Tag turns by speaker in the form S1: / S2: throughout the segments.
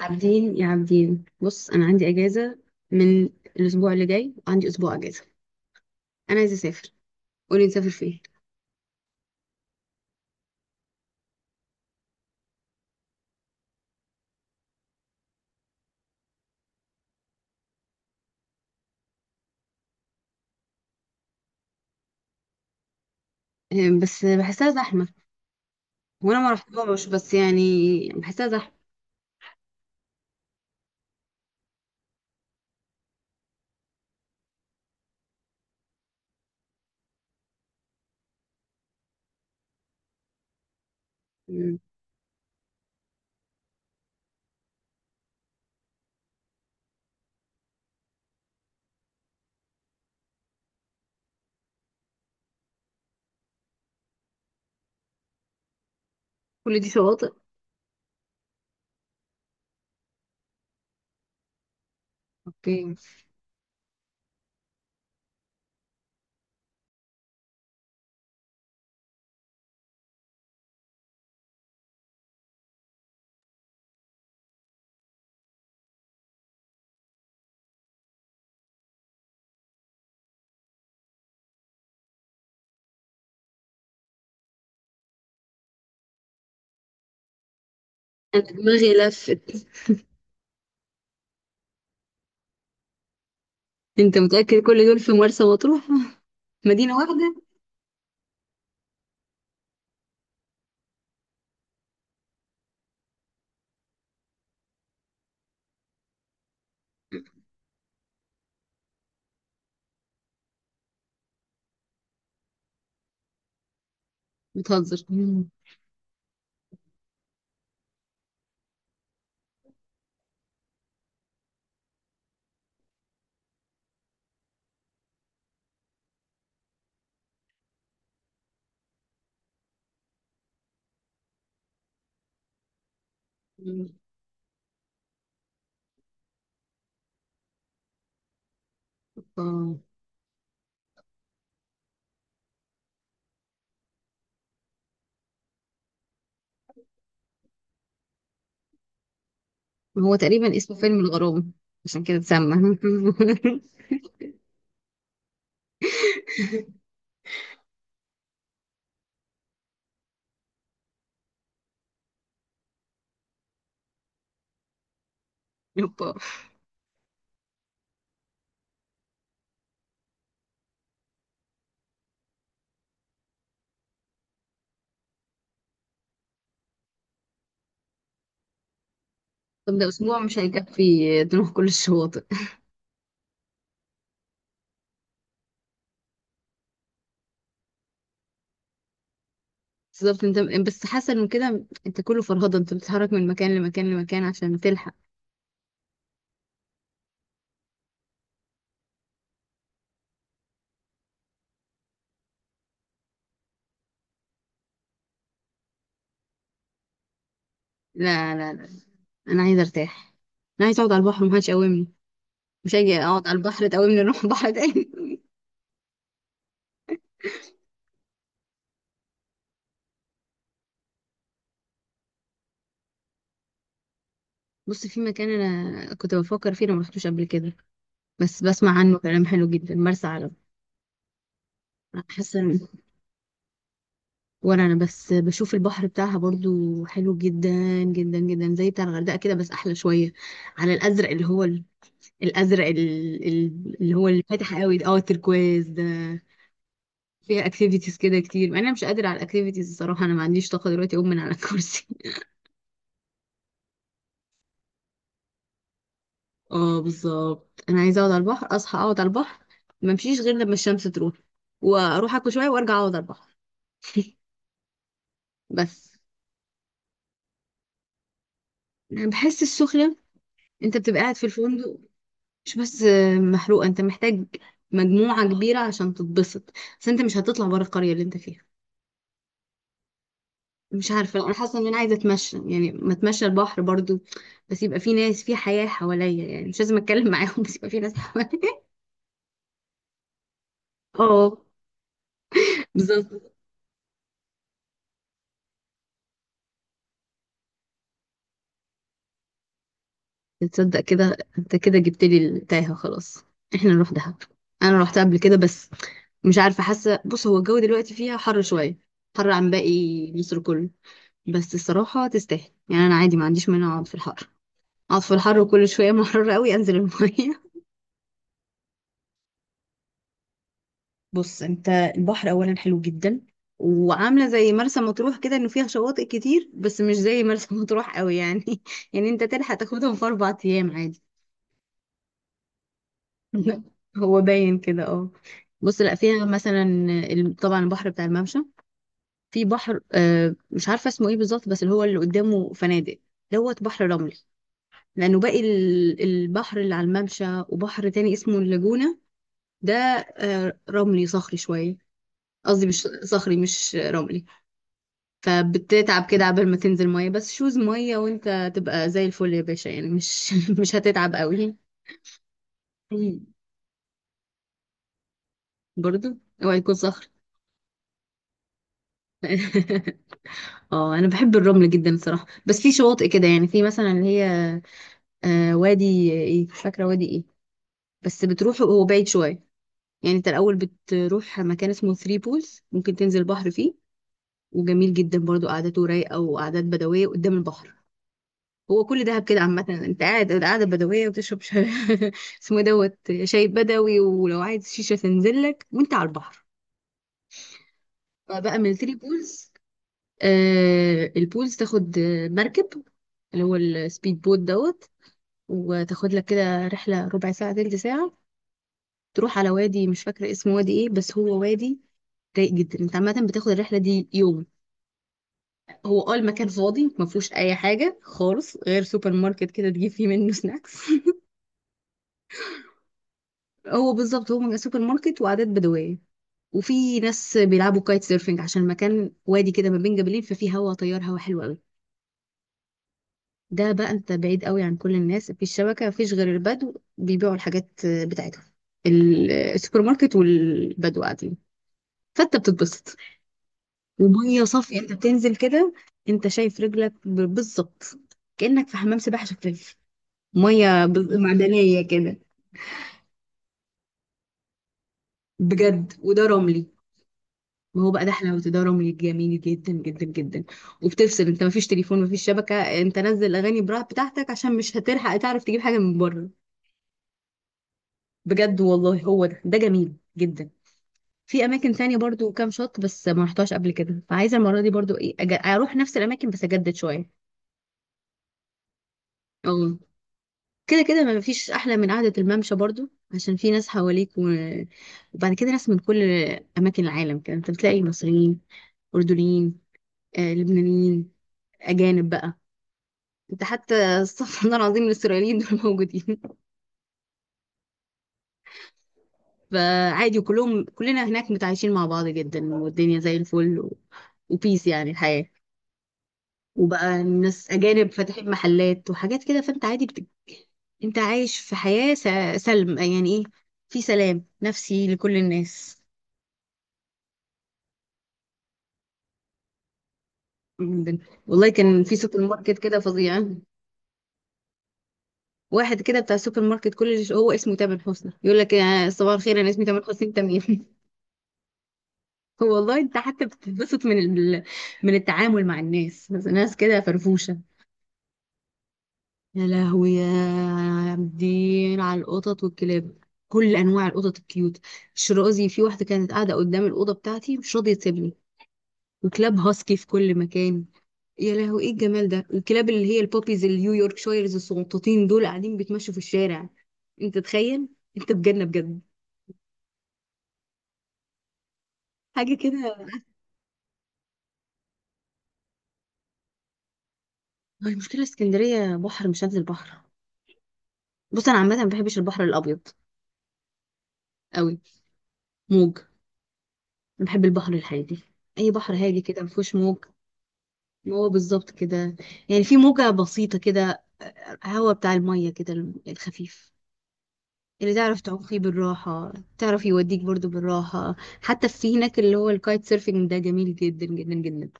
S1: عابدين، يا عابدين، بص، انا عندي اجازه من الاسبوع اللي جاي وعندي اسبوع اجازه. انا عايزه اسافر. قولي نسافر فين؟ آه، بس بحسها زحمه. وانا ما رحتهمش بس يعني بحسها زحمه. مم. كل دي شواطئ. اوكي. انا دماغي لفت. انت متاكد كل دول في مرسى مطروح؟ مدينه واحده. بتهزر. مم. مم. آه. هو تقريبا اسمه فيلم الغرام. عشان كده اتسمى. يبا. طب ده اسبوع مش هيكفي نروح كل الشواطئ. بالظبط انت. بس حسن من كده، انت كله فرهضه، انت بتتحرك من مكان لمكان لمكان عشان تلحق. لا لا لا، انا عايزه ارتاح. انا عايزه اقعد على البحر ومحدش يقومني. مش هاجي اقعد على البحر تقومني نروح بحر تاني. بص، في مكان انا كنت بفكر فيه انا ما رحتوش قبل كده بس بسمع عنه كلام حلو جدا، مرسى علم. حاسه. ولا انا بس بشوف البحر بتاعها برضو حلو جدا، جدا جدا زي بتاع الغردقه كده بس احلى شويه. على الازرق اللي هو الازرق اللي هو الفاتح قوي ده، اه التركواز ده. فيها اكتيفيتيز كده كتير. انا مش قادره على الاكتيفيتيز الصراحه. انا ما عنديش طاقه دلوقتي اقوم من على الكرسي. اه بالظبط، انا عايزه اقعد على البحر، اصحى اقعد على البحر، ما امشيش غير لما الشمس تروح، واروح اكل شويه وارجع اقعد على البحر. بس. انا بحس السخنه انت بتبقى قاعد في الفندق. مش بس محروقه، انت محتاج مجموعه كبيره عشان تتبسط. بس انت مش هتطلع بره القريه اللي انت فيها. مش عارفة، أنا حاسة إن أنا عايزة أتمشى يعني ما أتمشى البحر برضو. بس يبقى في ناس، في حياة حواليا يعني مش لازم أتكلم معاهم، بس يبقى في ناس حواليا. اه بالظبط. تصدق كده أنت كده جبت لي التايهة. خلاص إحنا نروح دهب. أنا روحت قبل كده بس مش عارفة، حاسة، بص هو الجو دلوقتي فيها حر شوية، حر عن باقي مصر كله. بس الصراحة تستاهل يعني، أنا عادي ما عنديش مانع أقعد في الحر. أقعد في الحر وكل شوية محررة أوي أنزل المية. بص، انت البحر اولا حلو جدا، وعامله زي مرسى مطروح كده انه فيها شواطئ كتير بس مش زي مرسى مطروح قوي يعني يعني انت تلحق تاخدهم في 4 ايام عادي. هو باين كده اه. بص، لا فيها مثلا طبعا البحر بتاع الممشى. في بحر، مش عارفه اسمه ايه بالظبط بس اللي هو اللي قدامه فنادق دوت، بحر رملي. لانه باقي البحر اللي على الممشى، وبحر تاني اسمه اللاجونه ده، رملي صخري شويه. قصدي مش صخري، مش رملي. فبتتعب كده عبال ما تنزل ميه، بس شوز ميه وانت تبقى زي الفل يا باشا، يعني مش مش هتتعب قوي. مم. برضو اوعى يكون صخر. اه انا بحب الرمل جدا الصراحه، بس في شواطئ كده يعني، في مثلا اللي هي وادي ايه، مش فاكره وادي ايه، بس بتروح هو بعيد شويه. يعني انت الاول بتروح مكان اسمه ثري بولز، ممكن تنزل بحر فيه وجميل جدا برضو، قعدته رايقه وقعدات بدويه قدام البحر. هو كل دهب كده عامة انت قاعد قاعدة بدوية وتشرب اسمه إيه دوت، شاي بدوي، ولو عايز شيشة تنزل لك وانت على البحر. فبقى ميلتري بولز. البولز تاخد، مركب اللي هو السبيد بوت دوت، وتاخد لك كده رحلة ربع ساعة تلت ساعة، تروح على وادي، مش فاكرة اسمه وادي ايه، بس هو وادي رايق جدا. انت عامة بتاخد الرحلة دي يوم. هو المكان فاضي، ما فيهوش اي حاجة خالص غير سوبر ماركت كده تجيب فيه منه سناكس. هو بالظبط هو سوبر ماركت وعادات بدوية. وفي ناس بيلعبوا كايت سيرفنج، عشان المكان وادي كده ما بين جبلين، ففي هوا طيار، هوا حلو قوي. ده بقى انت بعيد قوي عن كل الناس، مفيش شبكة، مفيش غير البدو بيبيعوا الحاجات بتاعتهم، السوبر ماركت والبدو قاعدين. فانت بتتبسط. ومية صافية، انت بتنزل كده، انت شايف رجلك بالظبط كأنك في حمام سباحة شفاف. مية معدنية كده. بجد، وده رملي. ما هو بقى ده حلاوة تدرم، جميل جدا جدا جدا. وبتفصل، انت مفيش تليفون، مفيش شبكة، انت نزل اغاني براحة بتاعتك عشان مش هتلحق تعرف تجيب حاجة من بره. بجد والله هو ده جميل جدا. في اماكن تانية برضو كام شط بس ما رحتهاش قبل كده، فعايزة المرة دي برضو ايه، اروح نفس الاماكن بس اجدد شوية. اه كده كده ما فيش احلى من قعدة الممشى برضو، عشان في ناس حواليك وبعد كده ناس من كل اماكن العالم كده، انت بتلاقي مصريين، اردنيين، لبنانيين، اجانب بقى. انت حتى استغفر الله العظيم، الاسرائيليين دول موجودين، فعادي، وكلهم، كلنا هناك متعايشين مع بعض جدا والدنيا زي الفل وبيس، يعني الحياة. وبقى ناس اجانب فاتحين محلات وحاجات كده، فانت عادي انت عايش في حياة سلم يعني ايه، في سلام نفسي لكل الناس. جدا. والله كان في سوبر ماركت كده فظيع. واحد كده بتاع السوبر ماركت كل اللي هو اسمه تامر حسني، يقول لك يا صباح الخير انا اسمي تامر حسني انت مين. والله انت حتى بتتبسط من من التعامل مع الناس، بس ناس كده فرفوشة. يا لهوي، يا دين على القطط والكلاب، كل انواع القطط الكيوت، الشرازي، في واحدة كانت قاعدة قدام الأوضة بتاعتي مش راضية تسيبني. وكلاب هاسكي في كل مكان. يا لهوي ايه الجمال ده، الكلاب اللي هي البوبيز النيويورك شايرز الصغنطوطين دول قاعدين بيتمشوا في الشارع. انت تخيل، انت في جنة بجد. حاجة كده. هو المشكلة اسكندرية بحر، مش هنزل بحر. بص، انا عامة ما بحبش البحر الابيض قوي. موج. انا بحب البحر الهادي، اي بحر هادي كده ما فيهوش موج. هو بالظبط كده. يعني في موجة بسيطة كده، هوا بتاع المية كده الخفيف، اللي تعرف تعوم فيه بالراحة، تعرف يوديك برضو بالراحة. حتى في هناك اللي هو الكايت سيرفينج ده جميل جدا جدا جدا.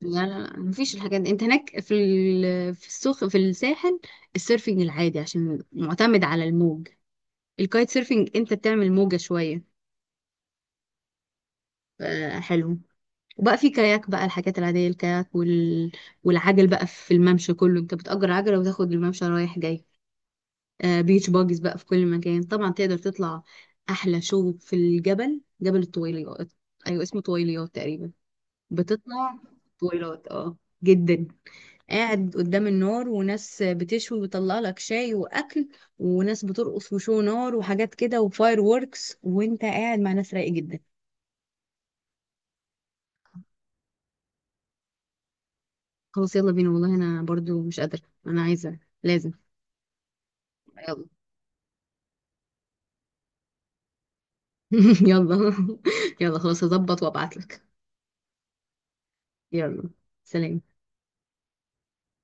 S1: لا لا لا، مفيش الحاجات دي. انت هناك في في السوق، في الساحل. السيرفينج العادي عشان معتمد على الموج. الكايت سيرفينج انت بتعمل موجة شوية. ف- حلو. وبقى في كاياك بقى الحاجات العادية، الكاياك والعجل بقى في الممشى كله انت بتأجر عجلة وتاخد الممشى رايح جاي. آه بيتش باجز بقى في كل مكان طبعا تقدر تطلع. أحلى شو في الجبل، جبل الطويليات. أيوة اسمه طويليات تقريبا. بتطلع. طويلات جدا. قاعد قدام النار وناس بتشوي وبيطلع لك شاي وأكل وناس بترقص وشو نار وحاجات كده وفاير ووركس وانت قاعد مع ناس رايقة جدا. خلاص يلا بينا، والله انا برضو مش قادرة. انا عايزة لازم. يلا. يلا. يلا خلاص، هظبط وابعتلك. يلا. سلام.